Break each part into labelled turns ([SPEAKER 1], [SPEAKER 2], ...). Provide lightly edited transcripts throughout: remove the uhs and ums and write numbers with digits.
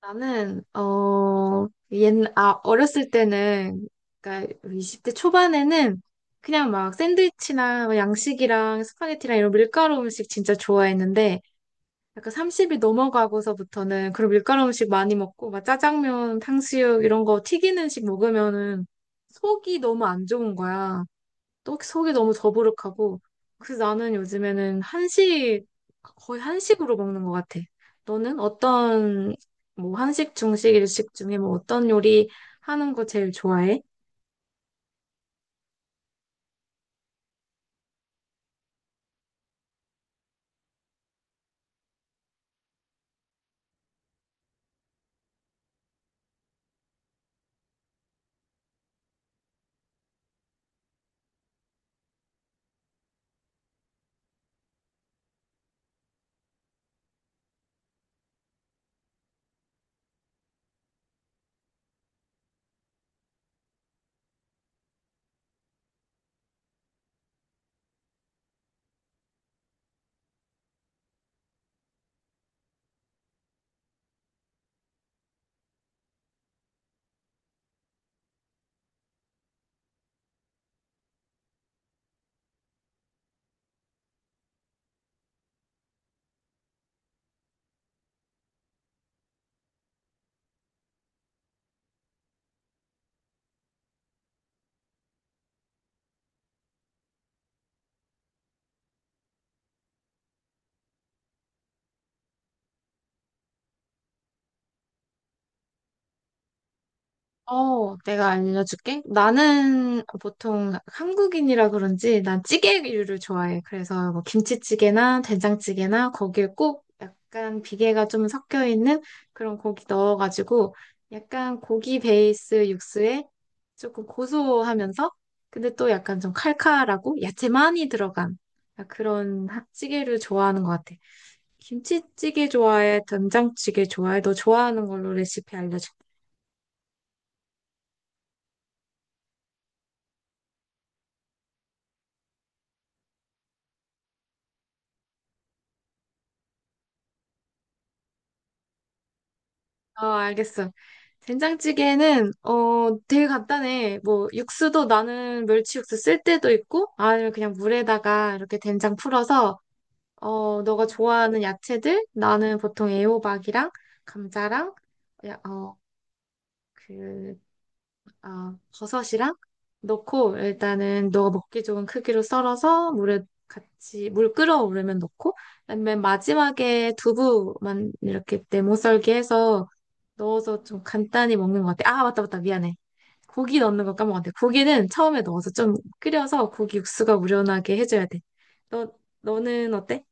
[SPEAKER 1] 나는 옛날 어렸을 때는, 그러니까 20대 초반에는 그냥 막 샌드위치나 뭐 양식이랑 스파게티랑 이런 밀가루 음식 진짜 좋아했는데, 약간 30이 넘어가고서부터는 그런 밀가루 음식 많이 먹고 막 짜장면, 탕수육 이런 거 튀긴 음식 먹으면은 속이 너무 안 좋은 거야. 떡 속이 너무 더부룩하고. 그래서 나는 요즘에는 한식, 거의 한식으로 먹는 것 같아. 너는 어떤, 뭐 한식, 중식, 일식 중에 뭐 어떤 요리 하는 거 제일 좋아해? 어, 내가 알려줄게. 나는 보통 한국인이라 그런지 난 찌개류를 좋아해. 그래서 뭐 김치찌개나 된장찌개나 거기에 꼭 약간 비계가 좀 섞여 있는 그런 고기 넣어가지고 약간 고기 베이스 육수에 조금 고소하면서, 근데 또 약간 좀 칼칼하고 야채 많이 들어간 그런 찌개를 좋아하는 것 같아. 김치찌개 좋아해? 된장찌개 좋아해? 너 좋아하는 걸로 레시피 알려줄게. 어, 알겠어. 된장찌개는 어 되게 간단해. 뭐 육수도 나는 멸치 육수 쓸 때도 있고, 아니면 그냥 물에다가 이렇게 된장 풀어서 어 너가 좋아하는 야채들, 나는 보통 애호박이랑 감자랑 야, 어, 그, 어, 버섯이랑 넣고, 일단은 너가 먹기 좋은 크기로 썰어서 물에 같이, 물 끓어오르면 넣고, 그다음에 마지막에 두부만 이렇게 네모 썰기 해서 넣어서 좀 간단히 먹는 것 같아. 아, 맞다, 맞다. 미안해. 고기 넣는 거 까먹었네. 고기는 처음에 넣어서 좀 끓여서 고기 육수가 우려나게 해줘야 돼. 너, 너는 어때?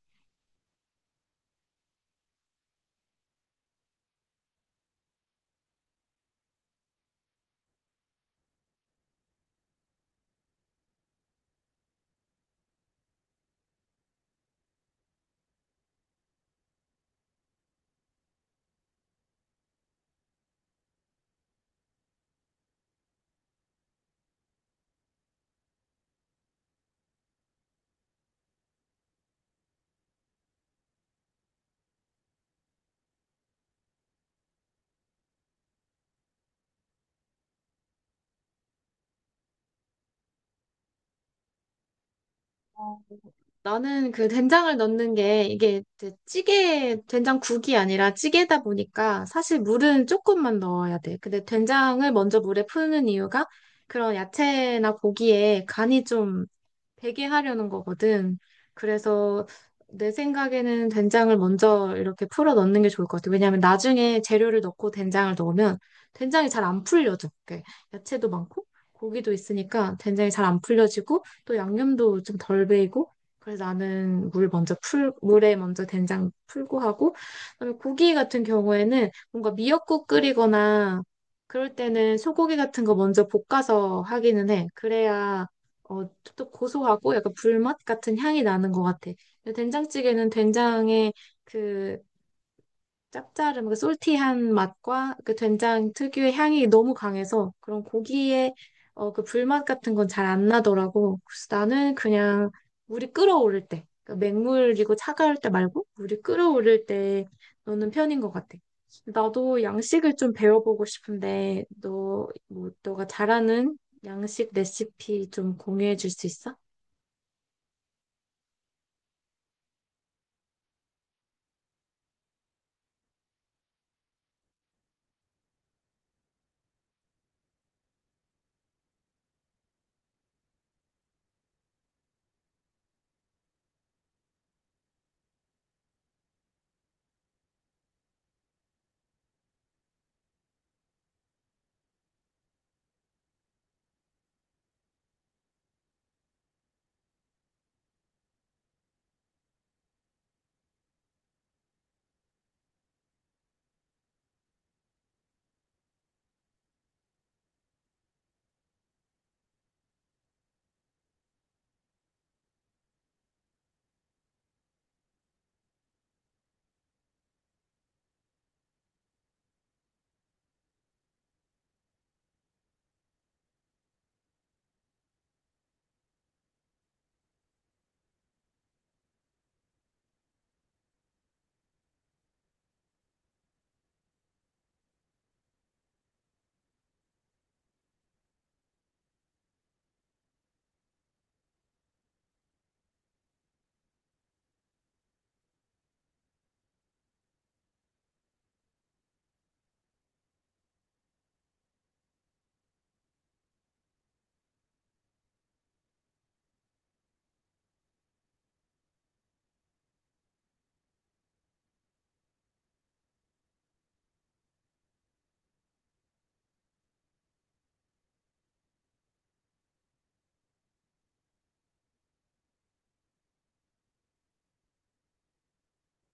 [SPEAKER 1] 어, 나는 그 된장을 넣는 게 이게 이제 찌개, 된장국이 아니라 찌개다 보니까 사실 물은 조금만 넣어야 돼. 근데 된장을 먼저 물에 푸는 이유가 그런 야채나 고기에 간이 좀 되게 하려는 거거든. 그래서 내 생각에는 된장을 먼저 이렇게 풀어 넣는 게 좋을 것 같아. 왜냐하면 나중에 재료를 넣고 된장을 넣으면 된장이 잘 안 풀려져. 이렇게 야채도 많고 고기도 있으니까 된장이 잘 안 풀려지고, 또 양념도 좀 덜 배이고. 그래서 나는 물에 먼저 된장 풀고 하고, 그다음에 고기 같은 경우에는 뭔가 미역국 끓이거나 그럴 때는 소고기 같은 거 먼저 볶아서 하기는 해. 그래야 어, 또 고소하고 약간 불맛 같은 향이 나는 것 같아. 근데 된장찌개는 된장의 그 짭짤한, 그 솔티한 맛과 그 된장 특유의 향이 너무 강해서 그런 고기에 어, 그 불맛 같은 건 잘 안 나더라고. 그래서 나는 그냥 물이 끓어오를 때, 그러니까 맹물이고 차가울 때 말고 물이 끓어오를 때 넣는 편인 것 같아. 나도 양식을 좀 배워보고 싶은데, 너, 뭐, 너가 잘하는 양식 레시피 좀 공유해 줄 수 있어?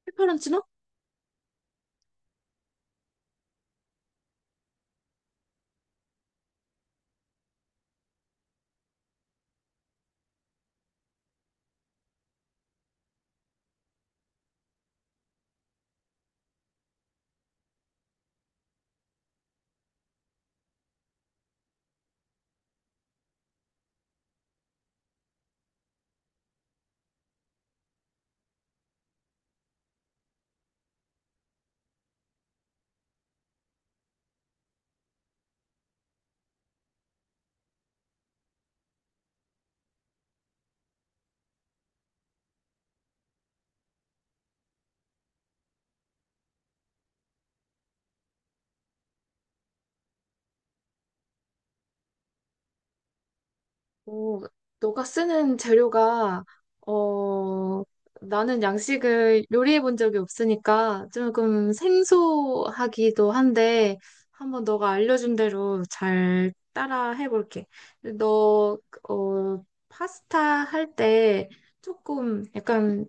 [SPEAKER 1] 페퍼런치노? 오, 너가 쓰는 재료가 어 나는 양식을 요리해 본 적이 없으니까 조금 생소하기도 한데, 한번 너가 알려준 대로 잘 따라 해볼게. 너 어 파스타 할 때 조금 약간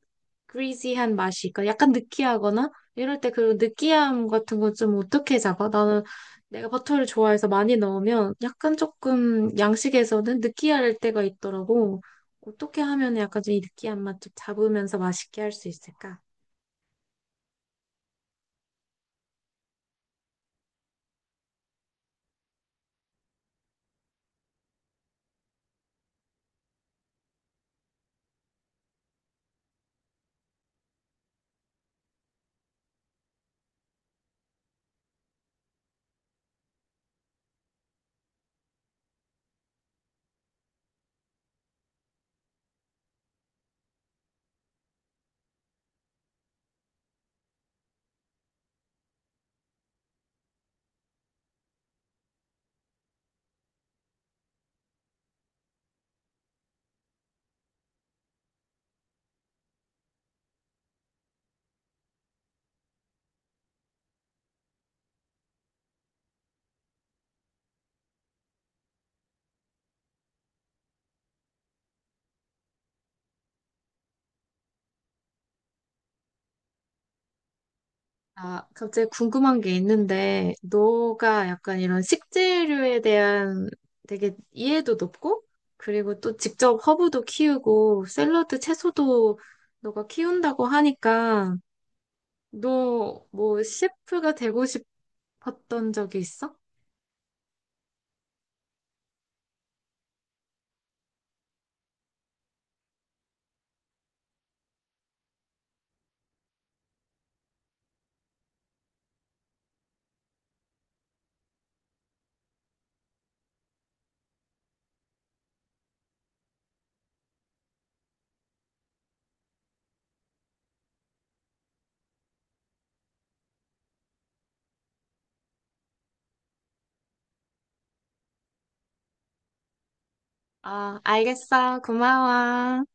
[SPEAKER 1] 그리지한 맛이 있거나 약간 느끼하거나 이럴 때 그런 느끼함 같은 건 좀 어떻게 잡아? 나는 내가 버터를 좋아해서 많이 넣으면 약간 조금 양식에서는 느끼할 때가 있더라고. 어떻게 하면 약간 좀 이 느끼한 맛 좀 잡으면서 맛있게 할 수 있을까? 아, 갑자기 궁금한 게 있는데, 너가 약간 이런 식재료에 대한 되게 이해도 높고, 그리고 또 직접 허브도 키우고, 샐러드 채소도 너가 키운다고 하니까, 너 뭐 셰프가 되고 싶었던 적이 있어? 아, 알겠어. 고마워.